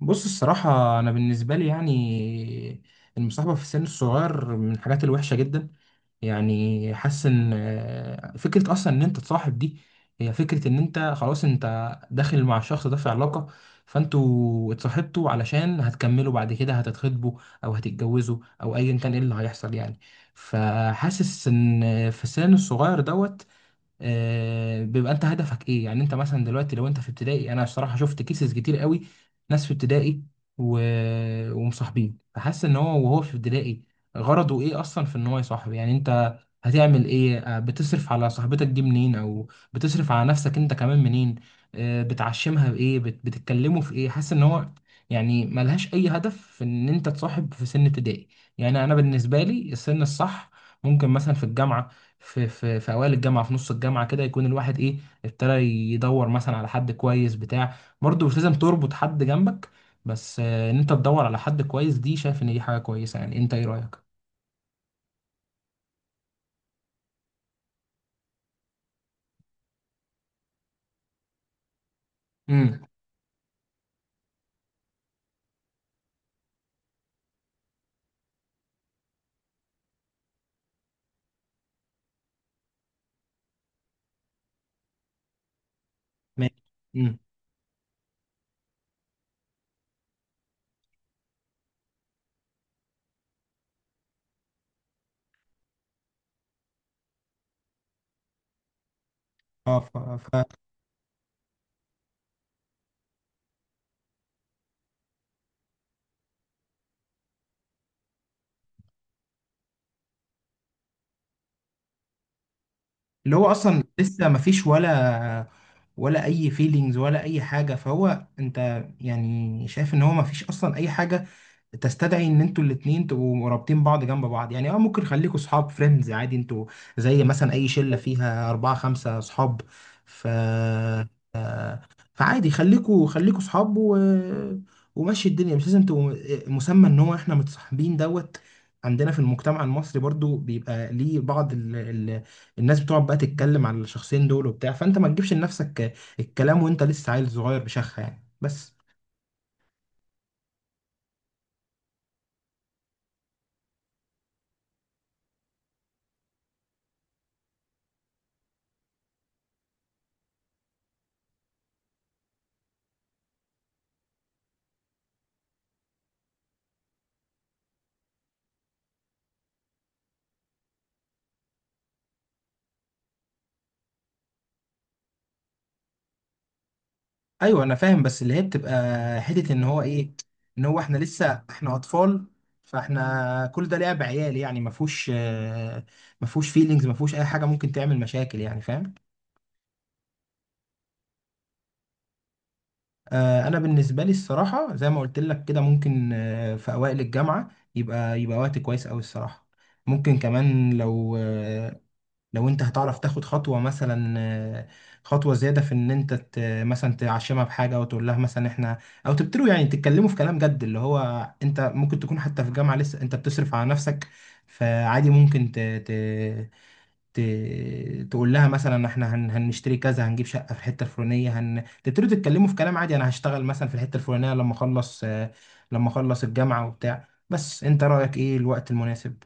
بص، الصراحة أنا بالنسبة لي يعني المصاحبة في السن الصغير من الحاجات الوحشة جدا. يعني حاسس إن فكرة أصلا إن أنت تصاحب دي هي فكرة إن أنت خلاص أنت داخل مع الشخص ده في علاقة، فأنتوا اتصاحبتوا علشان هتكملوا بعد كده هتتخطبوا أو هتتجوزوا أو أيا كان إيه اللي هيحصل يعني. فحاسس إن في السن الصغير دوت، بيبقى انت هدفك ايه؟ يعني انت مثلا دلوقتي لو انت في ابتدائي، انا بصراحه شفت كيسز كتير قوي. ناس في ابتدائي و... ومصاحبين، فحاسس ان هو وهو في ابتدائي غرضه ايه اصلا في ان هو يصاحب؟ يعني انت هتعمل ايه؟ بتصرف على صاحبتك دي منين او بتصرف على نفسك انت كمان منين؟ بتعشمها بايه؟ بتتكلموا في ايه؟ حاسس ان هو يعني ملهاش اي هدف في ان انت تصاحب في سن ابتدائي. يعني انا بالنسبه لي السن الصح ممكن مثلا في الجامعه، في اوائل الجامعه، في نص الجامعه كده، يكون الواحد ايه، ابتدى يدور مثلا على حد كويس بتاع. برضه مش لازم تربط حد جنبك، بس ان انت تدور على حد كويس دي، شايف ان دي حاجه كويسه. يعني انت ايه رايك؟ امم. ماشي. امم. اه. اللي هو اصلا لسه ما فيش ولا اي فيلينجز ولا اي حاجه، فهو انت يعني شايف ان هو ما فيش اصلا اي حاجه تستدعي ان انتوا الاتنين تبقوا رابطين بعض جنب بعض يعني. اه ممكن خليكوا صحاب، فريندز عادي انتوا، زي مثلا اي شلة فيها اربعة خمسة صحاب. ف آه، فعادي خليكوا خليكوا صحاب ومشي الدنيا. مش لازم تبقوا مسمى ان هو احنا متصاحبين دوت. عندنا في المجتمع المصري برضو بيبقى ليه بعض الناس بتقعد بقى تتكلم على الشخصين دول وبتاع، فانت ما تجيبش لنفسك الكلام وانت لسه عيل صغير بشخة يعني، بس. ايوه انا فاهم. بس اللي هي بتبقى حته ان هو ايه، ان هو احنا لسه احنا اطفال، فاحنا كل ده لعب عيال يعني. ما فيهوش فيلينجز، ما فيهوش اي حاجه ممكن تعمل مشاكل يعني، فاهم؟ انا بالنسبه لي الصراحه زي ما قلت لك كده، ممكن في اوائل الجامعه يبقى وقت كويس قوي الصراحه. ممكن كمان لو لو انت هتعرف تاخد خطوة مثلا، خطوة زيادة في ان انت مثلا تعشمها بحاجة او تقول لها مثلا احنا، او تبتدوا يعني تتكلموا في كلام جد، اللي هو انت ممكن تكون حتى في جامعة لسه انت بتصرف على نفسك، فعادي ممكن ت... تقول لها مثلا احنا هنشتري كذا، هنجيب شقة في الحتة الفلانية، تبتدوا تتكلموا في كلام عادي، انا هشتغل مثلا في الحتة الفلانية لما اخلص، لما اخلص الجامعة وبتاع. بس انت رأيك ايه الوقت المناسب؟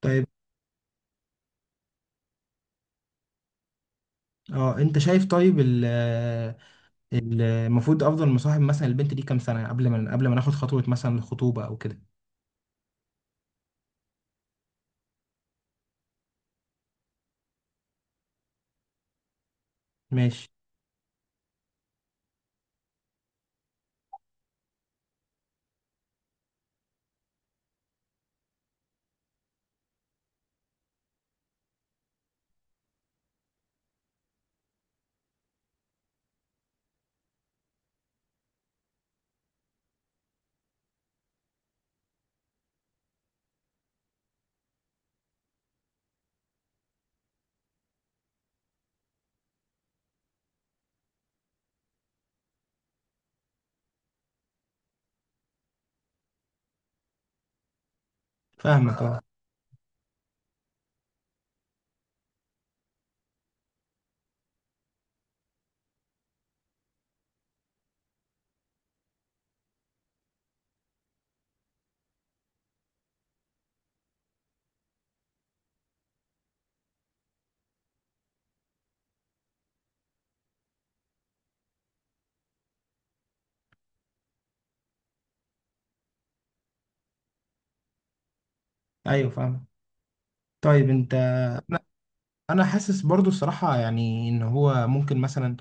طيب. اه انت شايف طيب، المفروض افضل مصاحب مثلا البنت دي كام سنه قبل ما ناخد خطوه مثلا الخطوبه او كده؟ ماشي. فاهمك. اه. ايوه فاهمك. طيب انت. انا. أنا حاسس برضو الصراحه، يعني ان هو ممكن مثلا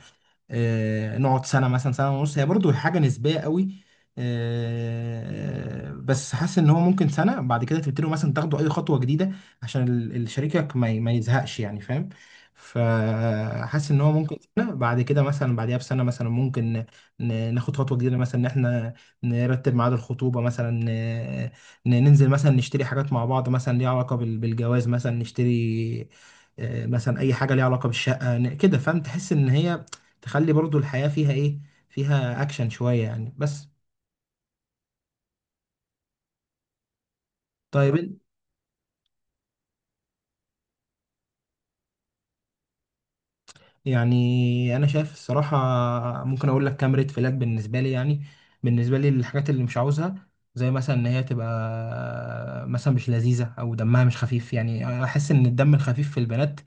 نقعد سنة مثلا، سنة ونص. هي برضو حاجة نسبية قوي. بس حاسس ان هو ممكن سنة بعد كده تبتدوا مثلا تاخدوا اي خطوة جديدة، عشان شريكك ما يزهقش يعني، فاهم؟ فحاسس ان هو ممكن سنة بعد كده مثلا، بعديها بسنة مثلا، ممكن ناخد خطوة جديدة مثلا ان احنا نرتب ميعاد الخطوبة مثلا، ننزل مثلا نشتري حاجات مع بعض مثلا ليها علاقة بالجواز، مثلا نشتري مثلا اي حاجة ليها علاقة بالشقة كده، فاهم؟ تحس ان هي تخلي برضو الحياة فيها ايه، فيها اكشن شوية يعني، بس. طيب إن- يعني انا شايف الصراحة ممكن اقول لك كام ريد فلاج بالنسبة لي يعني. بالنسبة لي الحاجات اللي مش عاوزها، زي مثلا ان هي تبقى مثلا مش لذيذة او دمها مش خفيف. يعني احس ان الدم الخفيف في البنات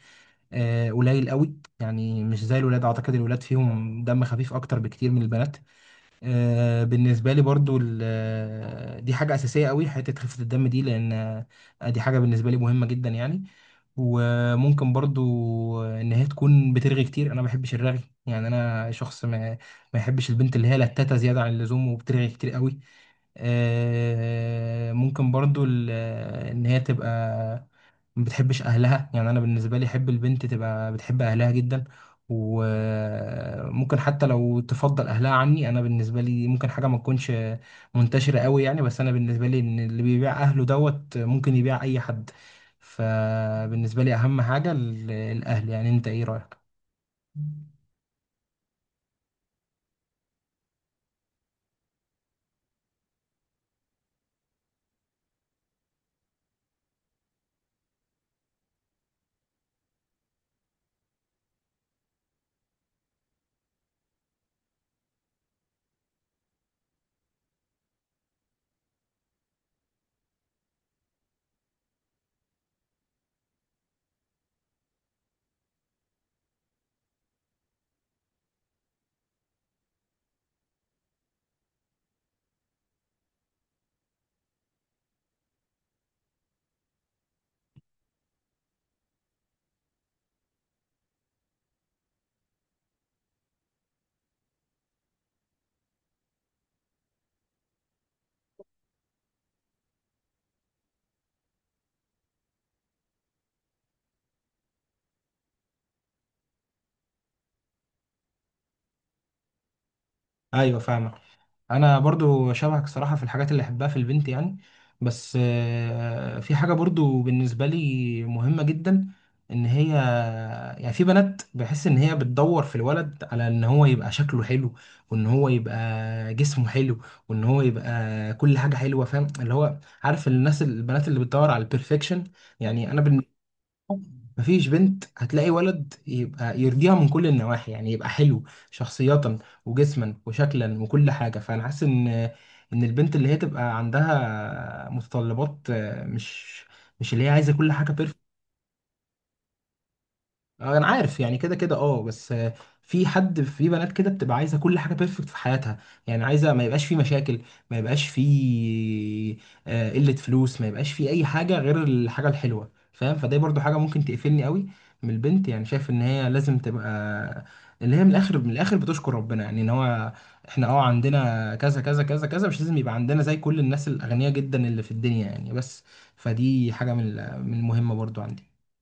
قليل قوي، يعني مش زي الولاد، اعتقد الولاد فيهم دم خفيف اكتر بكتير من البنات. بالنسبة لي برضو دي حاجة أساسية قوي حتة خفة الدم دي، لأن دي حاجة بالنسبة لي مهمة جدا يعني. وممكن برضو إن هي تكون بترغي كتير، أنا ما بحبش الرغي. يعني أنا شخص ما يحبش البنت اللي هي لتاتة زيادة عن اللزوم وبترغي كتير قوي. ممكن برضو ان هي تبقى ما بتحبش اهلها. يعني انا بالنسبه لي احب البنت تبقى بتحب اهلها جدا، وممكن حتى لو تفضل اهلها عني. انا بالنسبه لي ممكن حاجه ما تكونش منتشره قوي يعني، بس انا بالنسبه لي ان اللي بيبيع اهله دوت ممكن يبيع اي حد، فبالنسبه لي اهم حاجه الاهل. يعني انت ايه رايك؟ ايوه فاهمك. انا برضو شبهك صراحة في الحاجات اللي احبها في البنت يعني، بس في حاجة برضو بالنسبة لي مهمة جدا ان هي، يعني في بنات بحس ان هي بتدور في الولد على ان هو يبقى شكله حلو وان هو يبقى جسمه حلو وان هو يبقى كل حاجة حلوة، فاهم؟ اللي هو عارف الناس البنات اللي بتدور على البرفكشن. يعني انا مفيش بنت هتلاقي ولد يبقى يرضيها من كل النواحي، يعني يبقى حلو شخصية وجسما وشكلا وكل حاجة. فأنا حاسس إن البنت اللي هي تبقى عندها متطلبات مش اللي هي عايزة كل حاجة. انا عارف يعني كده كده اه، بس في حد في بنات كده بتبقى عايزه كل حاجه بيرفكت في حياتها، يعني عايزه ما يبقاش في مشاكل، ما يبقاش في قله فلوس، ما يبقاش في اي حاجه غير الحاجه الحلوه، فاهم؟ فده برضو حاجه ممكن تقفلني قوي من البنت. يعني شايف ان هي لازم تبقى اللي هي من الاخر من الاخر بتشكر ربنا، يعني ان هو احنا عندنا كذا كذا كذا كذا، مش لازم يبقى عندنا زي كل الناس الاغنياء جدا اللي في الدنيا يعني بس. فدي حاجه من من المهمه برضو عندي.